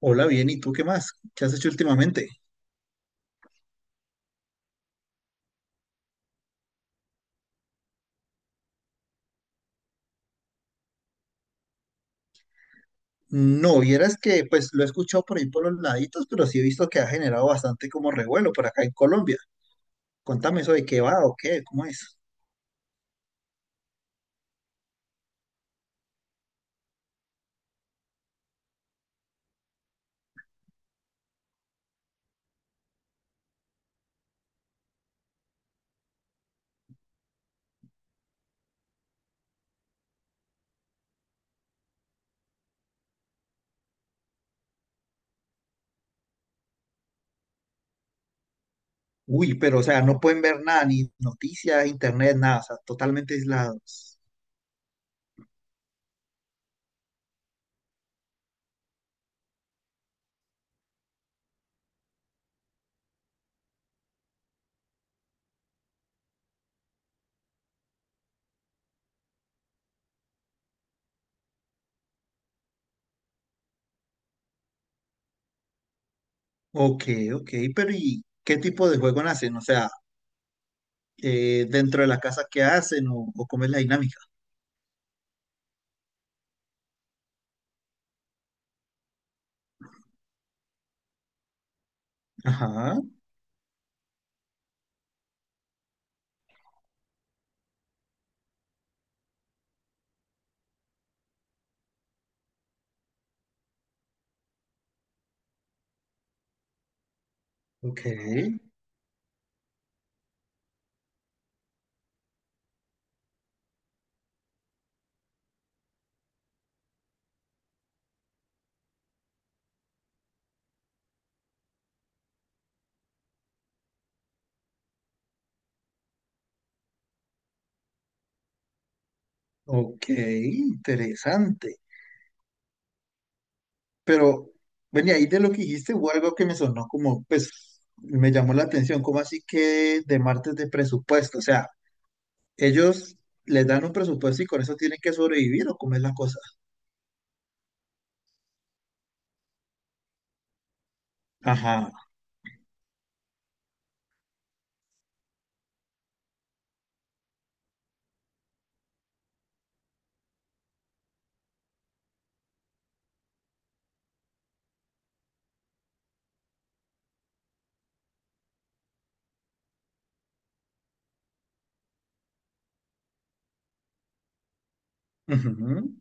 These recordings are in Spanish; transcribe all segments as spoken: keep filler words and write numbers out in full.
Hola, bien, ¿y tú qué más? ¿Qué has hecho últimamente? No, vieras que pues lo he escuchado por ahí por los laditos, pero sí he visto que ha generado bastante como revuelo por acá en Colombia. Contame eso de qué va o qué, cómo es. Uy, pero o sea, no pueden ver nada, ni noticias, internet, nada, o sea, totalmente aislados. Ok, ok, pero ¿y qué tipo de juego hacen? O sea, eh, dentro de la casa, ¿qué hacen o, o cómo es la dinámica? Ajá, ok, ok, interesante. Pero, bueno, y ahí de lo que dijiste hubo algo que me sonó como, pues, me llamó la atención, como así que de ¿martes de presupuesto? O sea, ellos les dan un presupuesto y con eso tienen que sobrevivir o cómo es la cosa. Ajá. Ujú.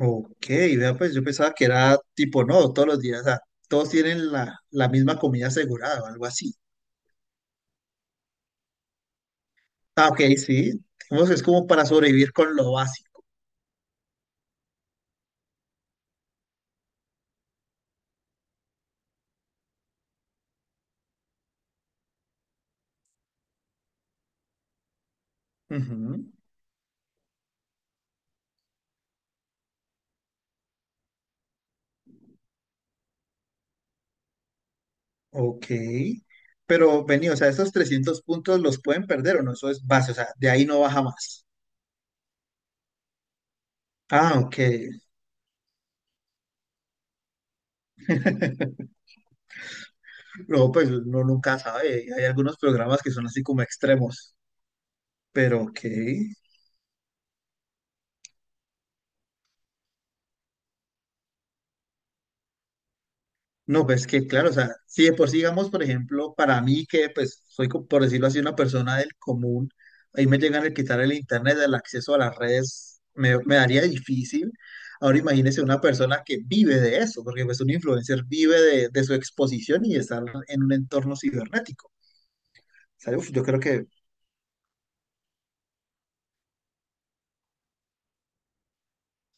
Ok, vea, pues yo pensaba que era tipo, no, todos los días, o sea, todos tienen la, la misma comida asegurada o algo así. Ah, ok, sí. Digamos que es como para sobrevivir con lo básico. Ujú. Ok, pero vení, o sea, esos trescientos puntos los pueden perder o no, eso es base, o sea, de ahí no baja más. Ah, ok. No, pues uno nunca sabe, hay algunos programas que son así como extremos, pero ok. No, pues que claro, o sea, si de por sí, digamos, por ejemplo, para mí que pues soy, co- por decirlo así, una persona del común, ahí me llegan a quitar el internet, el acceso a las redes, me, me daría difícil. Ahora imagínese una persona que vive de eso, porque pues un influencer vive de, de su exposición y de estar en un entorno cibernético. ¿Sabe? Uf, yo creo que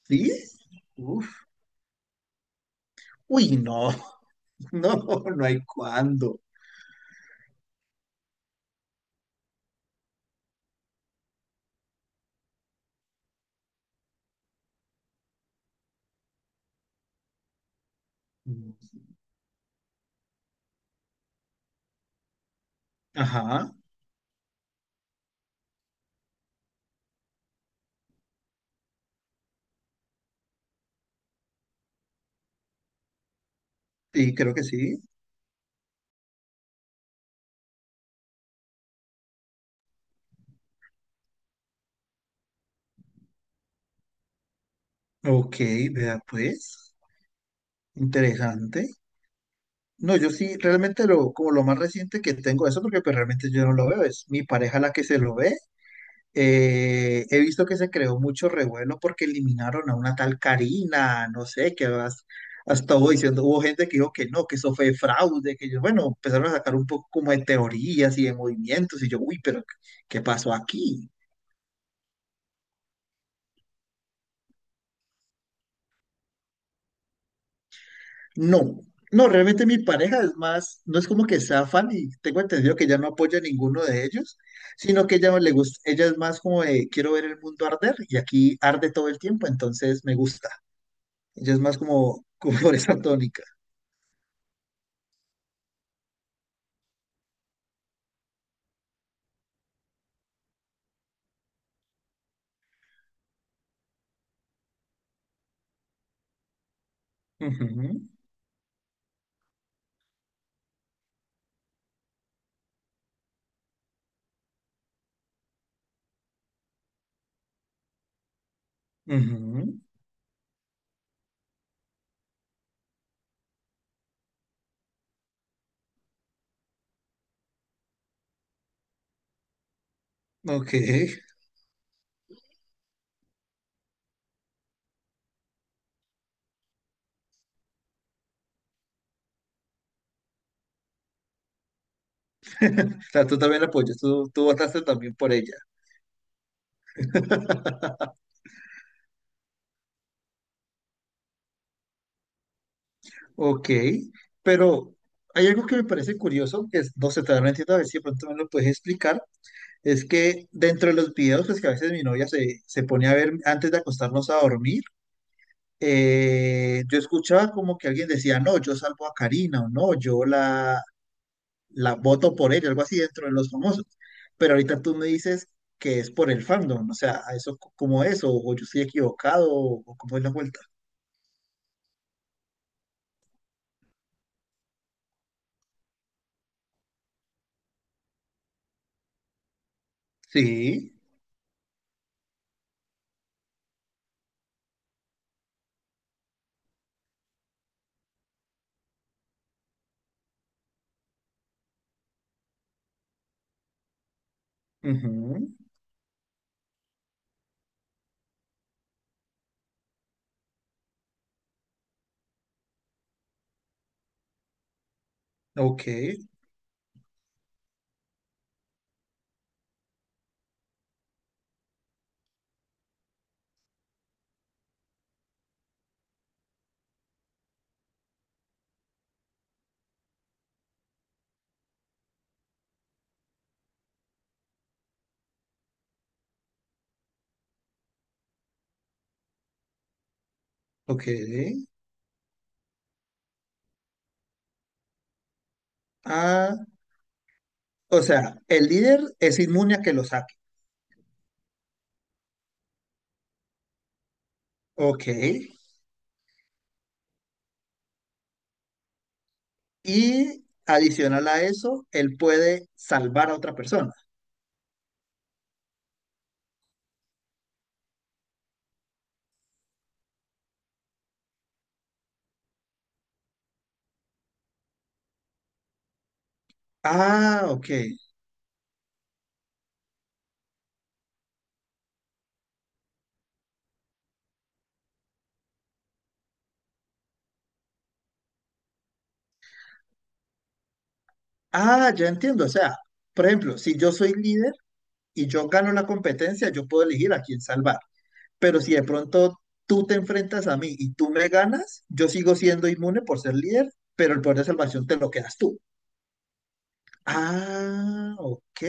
sí. Uf, uy, no, no, no hay cuándo. Ajá, sí, creo que sí. Ok, vea pues, interesante. No, yo sí, realmente lo, como lo más reciente que tengo eso, porque pues realmente yo no lo veo, es mi pareja la que se lo ve. Eh, he visto que se creó mucho revuelo porque eliminaron a una tal Karina, no sé, que vas, hasta hubo diciendo, hubo gente que dijo que no, que eso fue fraude, que yo, bueno, empezaron a sacar un poco como de teorías y de movimientos, y yo, uy, pero ¿qué pasó aquí? No, no, realmente mi pareja es más, no es como que sea fan y tengo entendido que ella no apoya a ninguno de ellos, sino que ella le gusta, ella es más como de quiero ver el mundo arder y aquí arde todo el tiempo, entonces me gusta. Ella es más como, como por esa tónica. Ujú, ujú, ok, o sea, tú también la apoyas, tú, tú votaste también por ella. Ok, pero hay algo que me parece curioso, que es- no sé, todavía no entiendo, a ver si de pronto me lo puedes explicar. Es que dentro de los videos, pues que a veces mi novia se, se pone a ver antes de acostarnos a dormir, eh, yo escuchaba como que alguien decía, no, yo salvo a Karina o no, yo la, la voto por ella, algo así dentro de los famosos. Pero ahorita tú me dices que es por el fandom, o sea, eso c- cómo es, o, o yo estoy equivocado, o, o cómo es la vuelta. Sí, ujú, ok, ok. Ah, o sea, el líder es inmune a que lo saque. Ok. Y adicional a eso, él puede salvar a otra persona. Ah, ok. Ah, ya entiendo. O sea, por ejemplo, si yo soy líder y yo gano la competencia, yo puedo elegir a quién salvar. Pero si de pronto tú te enfrentas a mí y tú me ganas, yo sigo siendo inmune por ser líder, pero el poder de salvación te lo quedas tú. Ah, ok.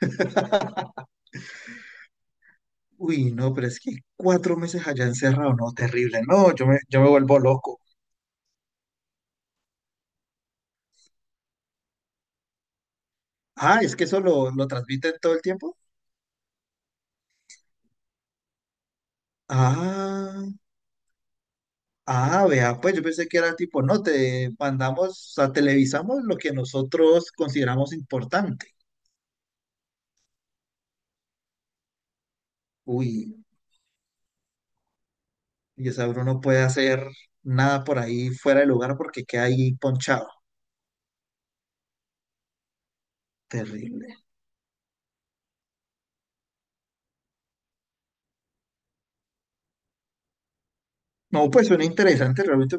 Uy, no, pero es que cuatro meses allá encerrado, no, terrible. No, yo me, yo me vuelvo loco. Ah, es que eso lo, lo transmiten todo el tiempo. Ah, ah, vea, pues yo pensé que era tipo, no, te mandamos, o sea, televisamos lo que nosotros consideramos importante. Uy, y esa uno no puede hacer nada por ahí fuera de lugar porque queda ahí ponchado. Terrible. No, pues suena interesante, realmente